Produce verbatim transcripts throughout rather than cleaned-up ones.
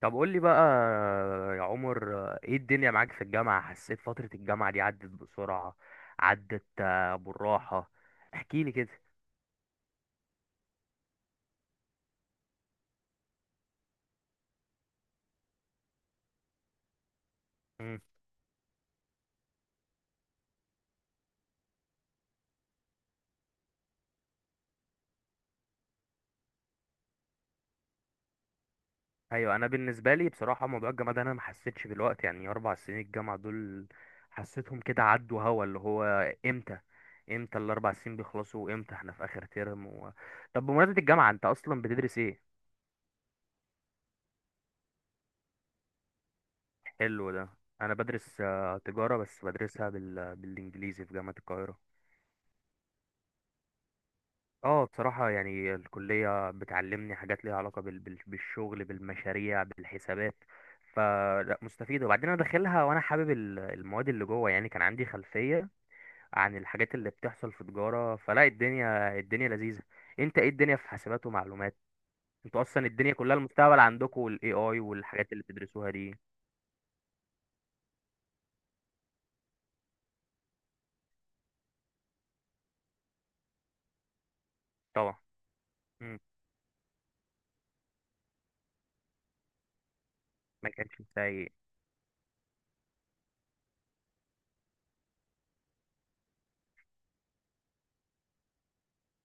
طب قول لي بقى يا عمر، ايه الدنيا معاك في الجامعة؟ حسيت فترة الجامعة دي عدت بسرعة؟ عدت آه، بالراحة. احكي لي كده. مم. ايوه، انا بالنسبة لي بصراحة موضوع الجامعة ده انا ما حسيتش بالوقت، يعني اربع سنين الجامعة دول حسيتهم كده عدوا، هوا اللي هو امتى امتى الاربع سنين بيخلصوا، وامتى احنا في اخر ترم و... طب بمناسبة الجامعة انت اصلا بتدرس ايه؟ حلو ده. انا بدرس آه، تجارة، بس بدرسها بال... بالانجليزي في جامعة القاهرة. اه بصراحة يعني الكلية بتعلمني حاجات ليها علاقة بال... بال- بالشغل، بالمشاريع، بالحسابات، فلا مستفيدة. وبعدين انا داخلها وانا حابب ال- المواد اللي جوه، يعني كان عندي خلفية عن الحاجات اللي بتحصل في تجارة، فلا الدنيا الدنيا لذيذة. انت ايه الدنيا في حسابات ومعلومات؟ انتوا اصلا الدنيا كلها المستقبل عندكم، والاي اي والحاجات اللي بتدرسوها دي. طبعا. مم. ما كانش سيء.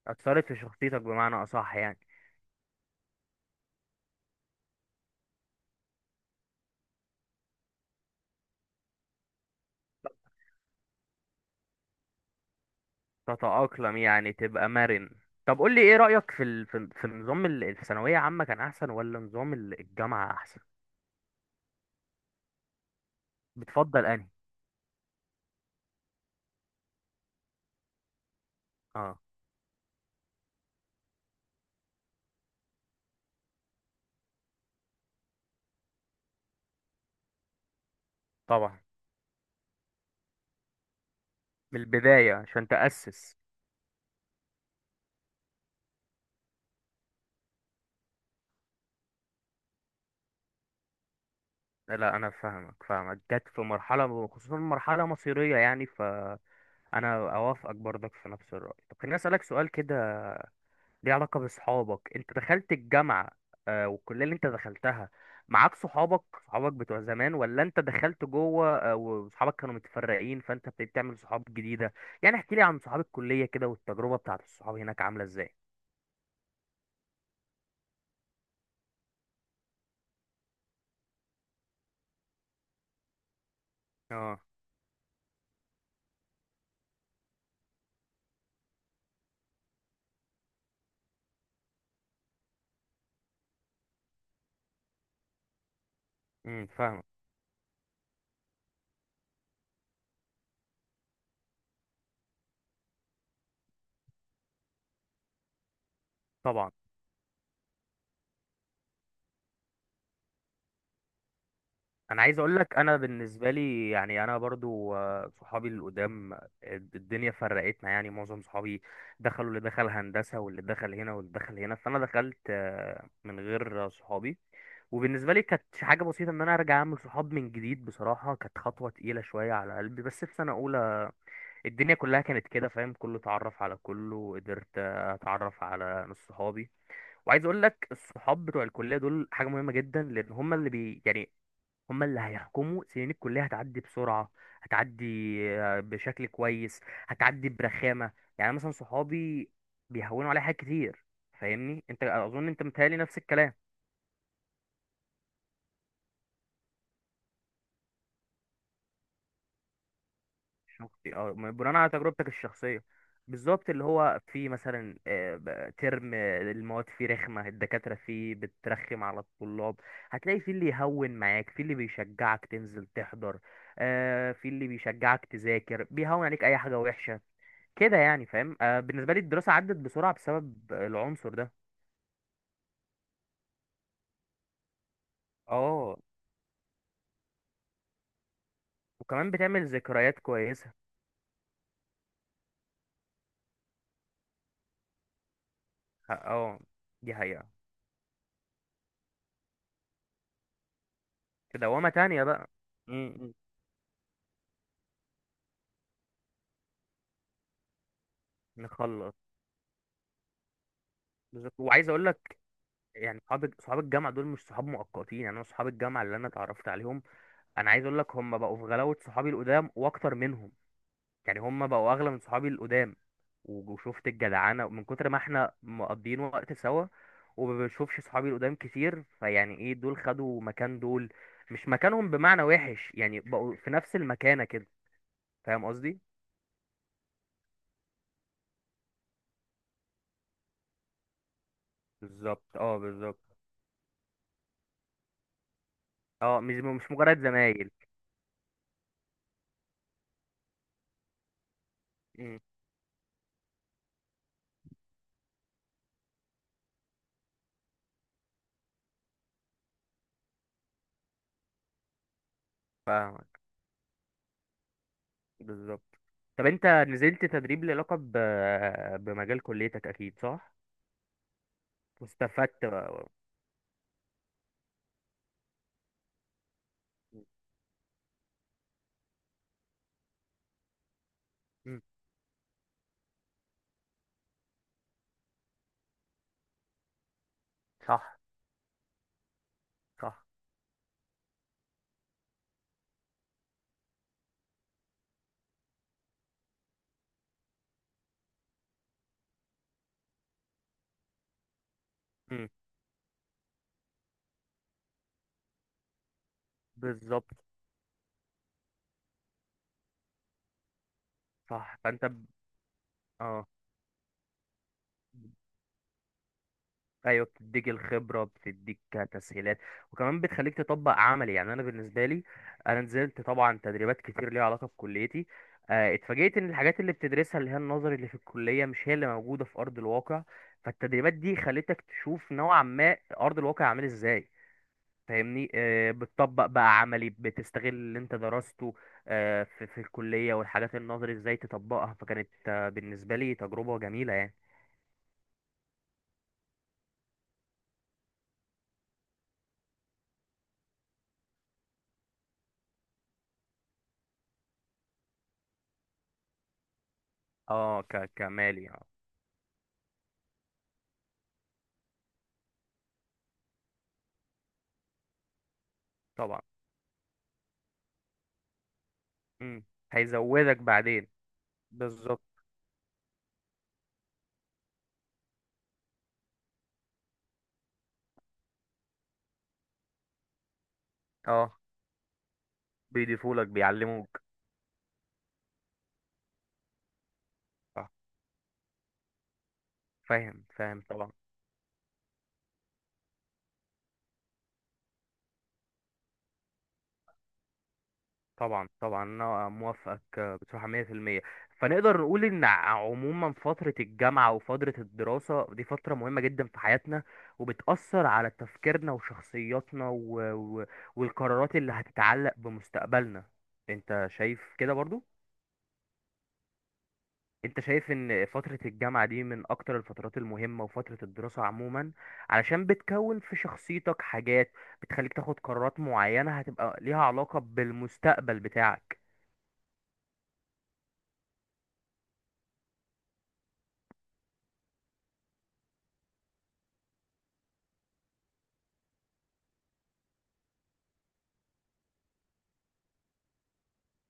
اثرت في شخصيتك بمعنى اصح يعني. تتأقلم يعني تبقى مرن. طب قول لي ايه رأيك في ال... في في نظام ال- الثانوية عامة كان احسن ولا نظام ال- الجامعة احسن؟ بتفضل انهي؟ اه طبعا. من البداية عشان تأسس. لا انا فاهمك فاهمك، جت في مرحلة خصوصا مرحلة مصيرية، يعني فانا اوافقك برضك في نفس الرأي. طب خليني اسألك سؤال كده ليه علاقة بصحابك. انت دخلت الجامعة آه، والكلية اللي انت دخلتها معاك صحابك، صحابك بتوع زمان ولا انت دخلت جوه آه، وصحابك كانوا متفرقين فانت ابتديت تعمل صحاب جديدة؟ يعني احكي لي عن صحاب الكلية كده، والتجربة بتاعت الصحاب هناك عاملة ازاي. اه. امم فاهمك. طبعا. انا عايز اقول لك انا بالنسبه لي يعني انا برضو آه، صحابي القدام آه، الدنيا فرقتنا، يعني معظم صحابي دخلوا، اللي دخل هندسه واللي دخل هنا واللي دخل هنا، فانا دخلت آه، من غير صحابي. وبالنسبه لي كانت حاجه بسيطه ان انا ارجع اعمل صحاب من جديد، بصراحه كانت خطوه تقيله شويه على قلبي. بس في سنه اولى الدنيا كلها كانت كده، فاهم، كله اتعرف على كله، وقدرت آه، اتعرف على نص صحابي. وعايز اقول لك الصحاب بتوع الكليه دول حاجه مهمه جدا، لان هم اللي بي يعني هما اللي هيحكموا. سنين الكلية هتعدي بسرعة، هتعدي آه، بشكل كويس، هتعدي برخامة. يعني مثلا صحابي بيهونوا عليا حاجات كتير. فاهمني؟ انت اظن انت متهيألي نفس الكلام. شخصي اه، بناء على تجربتك الشخصية. بالظبط، اللي هو في مثلا آه، ب- ترم آه، المواد فيه رخمة، الدكاترة فيه بترخم على الطلاب. هتلاقي في اللي يهون معاك، في اللي بيشجعك تنزل تحضر، آه، في اللي بيشجعك تذاكر، بيهون عليك اي حاجة وحشة كده يعني، فاهم؟ آه بالنسبة لي الدراسة عدت بسرعة بسبب العنصر ده. اه. وكمان بتعمل ذكريات كويسة. اه دي حقيقة. كده وما تانية بقى. امم. نخلص. بالظبط. وعايز اقول لك يعني صحاب صحاب الجامعة دول مش صحاب مؤقتين، يعني انا صحاب الجامعة اللي انا اتعرفت عليهم، انا عايز اقول لك هم بقوا في غلاوة صحابي القدام واكتر منهم، يعني هم بقوا اغلى من صحابي القدام. و- وشفت الجدعنه من كتر ما احنا مقضيين وقت سوا، وما بشوفش صحابي القدام كتير، فيعني ايه، دول خدوا مكان دول، مش مكانهم بمعنى وحش، يعني بقوا في نفس المكانه كده. فاهم قصدي؟ بالظبط اه بالظبط. اه مش مش مجرد زمايل. امم فاهمك. بالظبط. طب انت نزلت تدريب ليه علاقه ب... بمجال كليتك اكيد، صح؟ واستفدت بقى. مم. صح صح. مم. بالظبط. صح فانت ب... اه ايوه. بتديك الخبره، بتديك تسهيلات، وكمان بتخليك تطبق عملي. يعني انا بالنسبه لي انا نزلت طبعا تدريبات كتير ليها علاقه بكليتي. آه، اتفاجئت ان الحاجات اللي بتدرسها اللي هي النظري اللي في الكليه مش هي اللي موجوده في ارض الواقع. فالتدريبات دي خلتك تشوف نوعا ما ارض الواقع عامل ازاي. فاهمني؟ آه، بتطبق بقى عملي، بتستغل اللي انت درسته آه، في في الكليه، والحاجات النظري ازاي تطبقها. فكانت آه، بالنسبه لي تجربه جميله يعني. اه ك- كمالي اه. طبعا. مم. هيزودك بعدين. بالظبط اه. بيضيفولك، بيعلموك. صح. فاهم فاهم طبعا. طبعا طبعا انا موافقك آه، بصراحة مية بالمية. فنقدر نقول ان ع- عموما فترة الجامعة وفترة الدراسة دي فترة مهمة جدا في حياتنا، وبتأثر على تفكيرنا وشخصياتنا و... و... والقرارات اللي هتتعلق بمستقبلنا. انت شايف كده برضو؟ انت شايف ان فترة الجامعة دي من اكتر الفترات المهمة، وفترة الدراسة عموما، علشان بتكون في شخصيتك حاجات بتخليك تاخد قرارات معينة هتبقى ليها علاقة بالمستقبل بتاعك.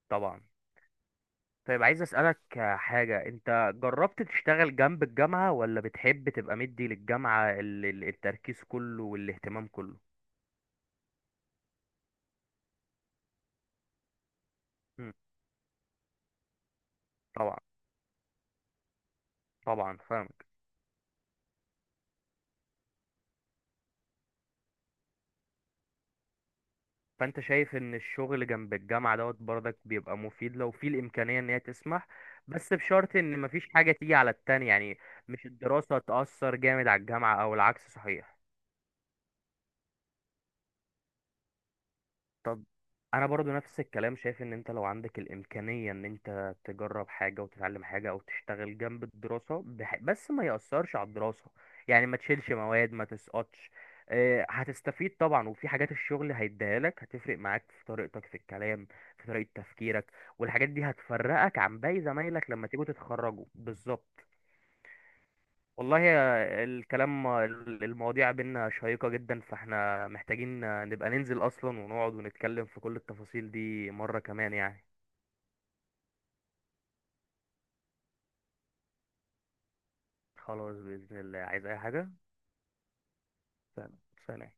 طبعا. طيب عايز اسألك حاجة. انت جربت تشتغل جنب الجامعة ولا بتحب تبقى مدي للجامعة ال- ال- التركيز كله والاهتمام كله؟ مم. طبعا. طبعا فاهم. فانت شايف ان الشغل جنب الجامعة دوت برضك بيبقى مفيد لو في الامكانية ان هي تسمح، بس بشرط ان مفيش حاجة تيجي على التانية، يعني مش الدراسة تأثر جامد على الجامعة او العكس صحيح. طب انا برضو نفس الكلام، شايف ان انت لو عندك الامكانية ان انت تجرب حاجة وتتعلم حاجة او تشتغل جنب الدراسة بح... بس ما يأثرش على الدراسة، يعني ما تشيلش مواد ما تسقطش. آه، هتستفيد طبعا. وفي حاجات الشغل هيديها لك، هتفرق معاك في طريقتك في الكلام، في طريقة تفكيرك، والحاجات دي هتفرقك عن باقي زمايلك لما تيجوا تتخرجوا بالظبط. والله يا- الكلام المواضيع بينا شيقة جدا، فاحنا محتاجين نبقى ننزل أصلا ونقعد ونتكلم في كل التفاصيل دي مرة كمان يعني. خلاص بإذن الله. عايز أي حاجة. سلام. سلام.